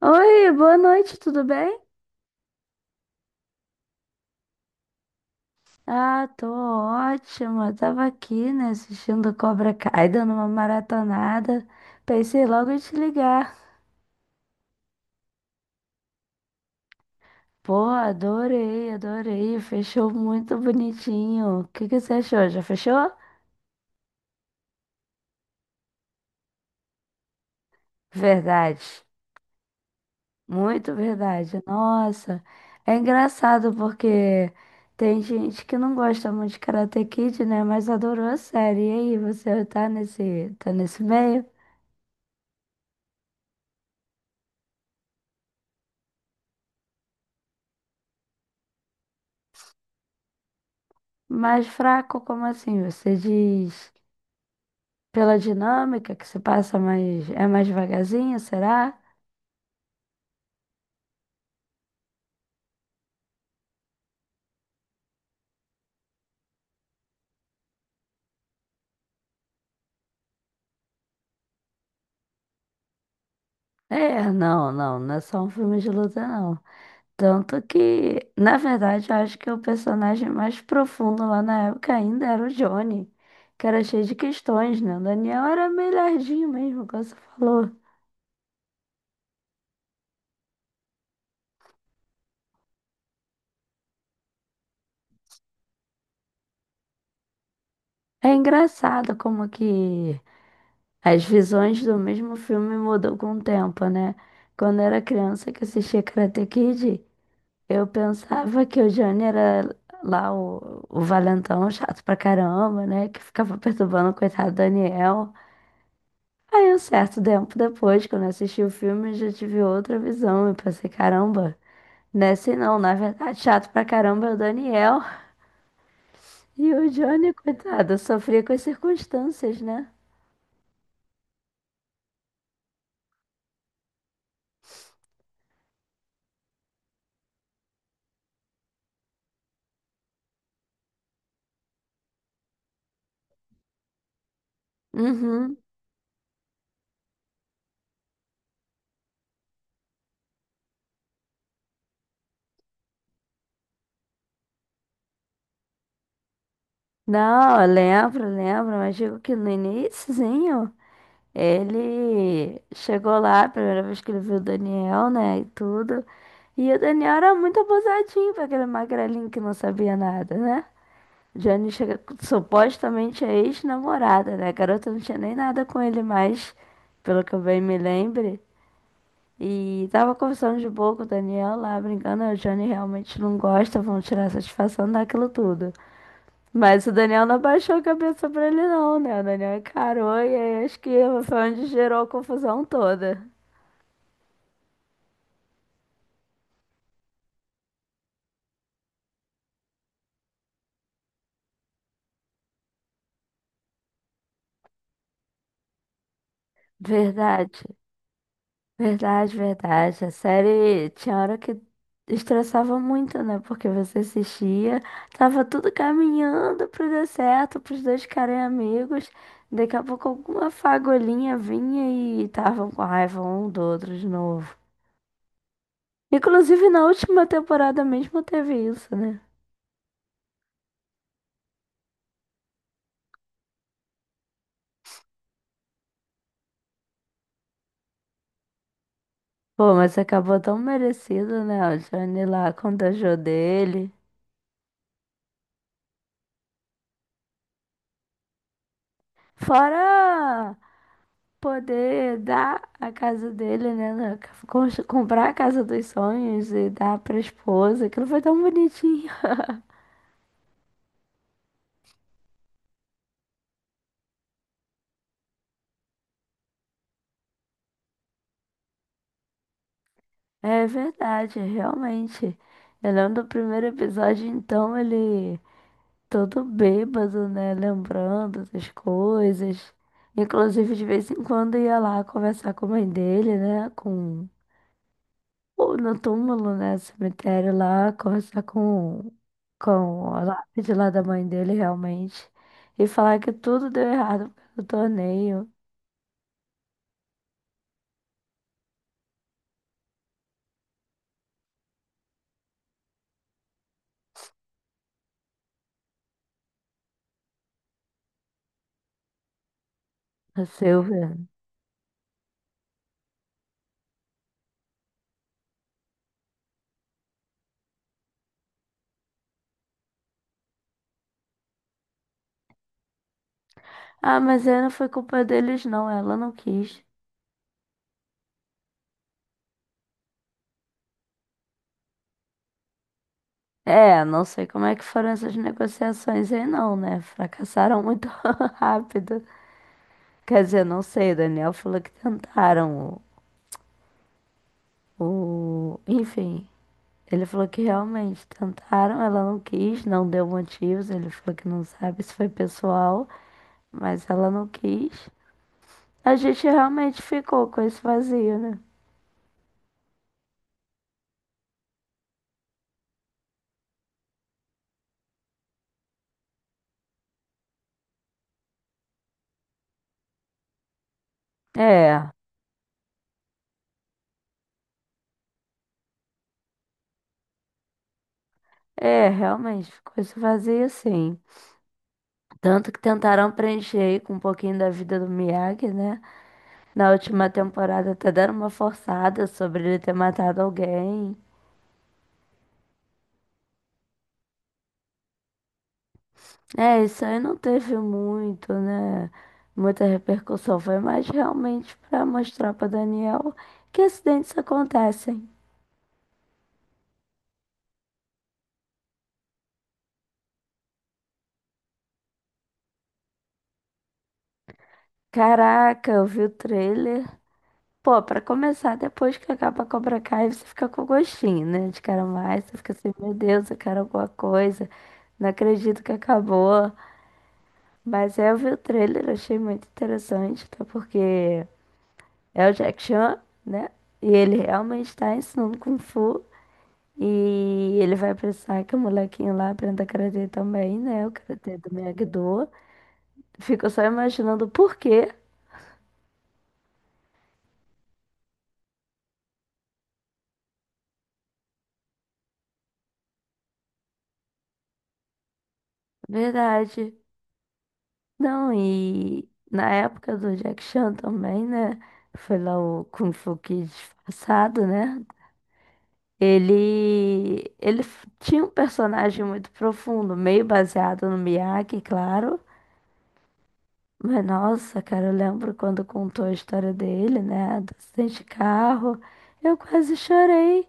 Oi, boa noite, tudo bem? Ah, tô ótima. Tava aqui, né, assistindo Cobra Kai, dando uma maratonada. Pensei logo em te ligar. Pô, adorei, adorei. Fechou muito bonitinho. O que que você achou? Já fechou? Verdade. Muito verdade. Nossa, é engraçado porque tem gente que não gosta muito de Karate Kid, né, mas adorou a série. E aí, você tá nesse meio? Mais fraco, como assim? Você diz pela dinâmica que se passa mais. É mais devagarzinho, será? É, não, não, não é só um filme de luta, não. Tanto que, na verdade, eu acho que o personagem mais profundo lá na época ainda era o Johnny, que era cheio de questões, né? O Daniel era melhorzinho mesmo, como você falou. É engraçado como que as visões do mesmo filme mudou com o tempo, né? Quando eu era criança que assistia Karate Kid. Eu pensava que o Johnny era lá o valentão chato pra caramba, né? Que ficava perturbando o coitado do Daniel. Aí, um certo tempo depois, quando eu assisti o filme, eu já tive outra visão. Eu pensei, caramba, nesse não, na verdade, chato pra caramba é o Daniel. E o Johnny, coitado, sofria com as circunstâncias, né? Uhum. Não, eu lembro, lembro, mas digo que no iníciozinho. Ele chegou lá, a primeira vez que ele viu o Daniel, né, e tudo. E o Daniel era muito abusadinho pra aquele magrelinho que não sabia nada, né? Jane chega, supostamente a ex-namorada, né? A garota não tinha nem nada com ele mais, pelo que eu bem me lembre. E tava conversando de boa com o Daniel lá, brincando. A Jane realmente não gosta, vão tirar satisfação daquilo tudo. Mas o Daniel não abaixou a cabeça pra ele, não, né? O Daniel encarou e aí acho que foi onde gerou a confusão toda. Verdade, verdade, verdade. A série tinha hora que estressava muito, né? Porque você assistia, tava tudo caminhando pro dar certo, pros dois ficarem amigos. Daqui a pouco alguma fagulhinha vinha e estavam com raiva um do outro de novo. Inclusive na última temporada mesmo teve isso, né? Pô, mas acabou tão merecido, né? O Johnny lá contagiou dele. Fora poder dar a casa dele, né? Comprar a casa dos sonhos e dar pra esposa. Aquilo foi tão bonitinho. É verdade, realmente. Eu lembro do primeiro episódio, então, ele todo bêbado, né? Lembrando das coisas. Inclusive, de vez em quando ia lá conversar com a mãe dele, né? Com ou no túmulo, né? Cemitério lá, conversar com a lápide lá da mãe dele, realmente. E falar que tudo deu errado por causa do torneio, a Silvia. Ah, mas aí não foi culpa deles, não. Ela não quis. É, não sei como é que foram essas negociações aí, não, né? Fracassaram muito rápido. Quer dizer, não sei, o Daniel falou que tentaram enfim, ele falou que realmente tentaram, ela não quis, não deu motivos. Ele falou que não sabe se foi pessoal, mas ela não quis. A gente realmente ficou com esse vazio, né? É, realmente ficou esse vazio sim. Tanto que tentaram preencher aí com um pouquinho da vida do Miyagi, né? Na última temporada até deram uma forçada sobre ele ter matado alguém. É, isso aí não teve muito, né? Muita repercussão. Foi mais realmente pra mostrar pra Daniel que acidentes acontecem. Caraca, eu vi o trailer. Pô, pra começar, depois que acaba Cobra Kai, você fica com gostinho, né? De cara mais, você fica assim, meu Deus, eu quero alguma coisa. Não acredito que acabou. Mas é, eu vi o trailer, achei muito interessante, até porque é o Jack Chan, né? E ele realmente tá ensinando Kung Fu. E ele vai precisar que o molequinho lá aprenda karatê também, né? O karatê do Miyagi-Do. Fico só imaginando por quê. Verdade. Não, e na época do Jack Chan também, né? Foi lá o Kung Fu Kid disfarçado, né? Tinha um personagem muito profundo, meio baseado no Miyagi, claro. Mas nossa, cara, eu lembro quando contou a história dele, né? Do acidente de carro. Eu quase chorei.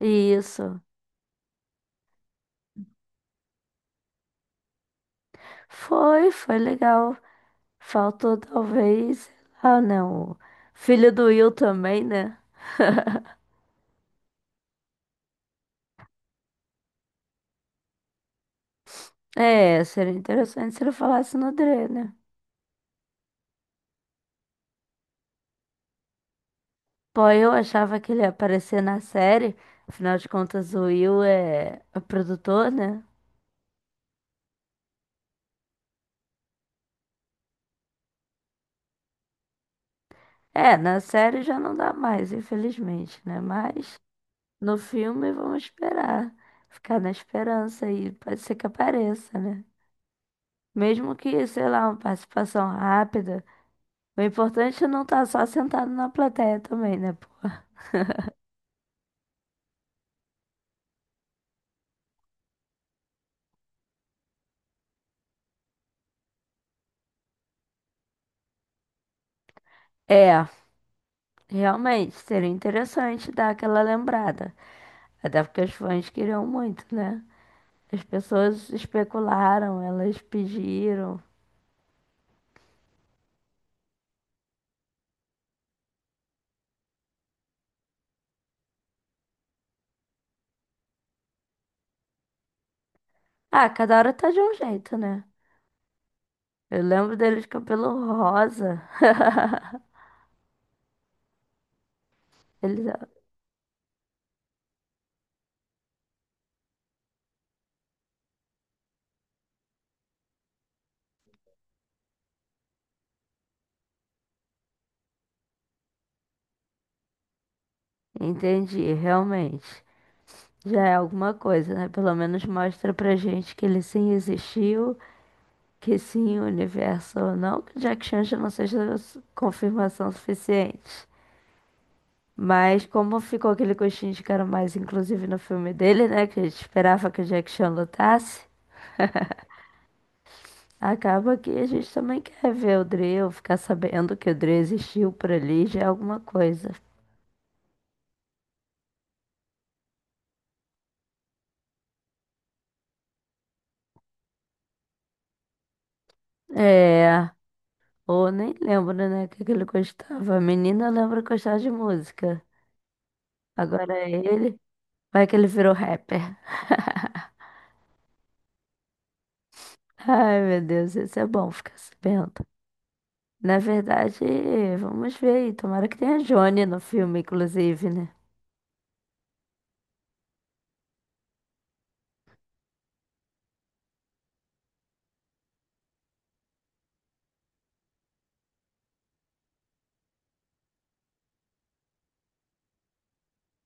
Isso. Foi, foi legal. Faltou talvez, sei lá, né? O filho do Will também, né? É, seria interessante se ele falasse no Dre, né? Pô, eu achava que ele ia aparecer na série. Afinal de contas, o Will é o produtor, né? É, na série já não dá mais, infelizmente, né? Mas no filme vamos esperar. Ficar na esperança aí. Pode ser que apareça, né? Mesmo que, sei lá, uma participação rápida. O importante é não estar só sentado na plateia também, né, pô? É, realmente, seria interessante dar aquela lembrada. Até porque os fãs queriam muito, né? As pessoas especularam, elas pediram. Ah, cada hora tá de um jeito, né? Eu lembro deles de cabelo rosa. Eles... ah, entendi, realmente. Já é alguma coisa, né? Pelo menos mostra pra gente que ele sim existiu. Que sim, o universo ou não que Jack Chan já não seja confirmação suficiente. Mas como ficou aquele gostinho de quero mais, inclusive no filme dele, né? Que a gente esperava que o Jack Chan lutasse. Acaba que a gente também quer ver o Dre, ou ficar sabendo que o Dre existiu por ali, já é alguma coisa. É, ou nem lembro, né, o que que ele gostava. A menina lembra que de música. Agora é ele, vai que ele virou rapper. Ai, meu Deus, isso é bom ficar sabendo. Na verdade, vamos ver aí. Tomara que tenha Johnny no filme, inclusive, né?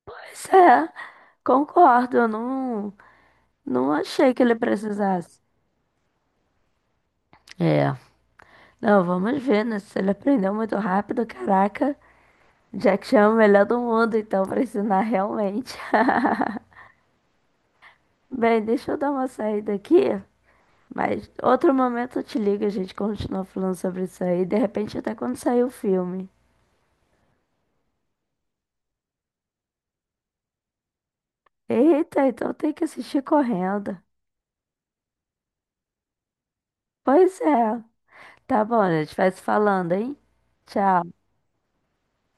Pois é, concordo. Eu não, não achei que ele precisasse. É. Não, vamos ver, né? Se ele aprendeu muito rápido, caraca. Jack Chan é o melhor do mundo, então, pra ensinar realmente. Bem, deixa eu dar uma saída aqui. Mas outro momento eu te ligo, a gente continua falando sobre isso aí. De repente, até quando sair o filme. Eita, então tem que assistir correndo. Pois é. Tá bom, a gente vai se falando, hein? Tchau.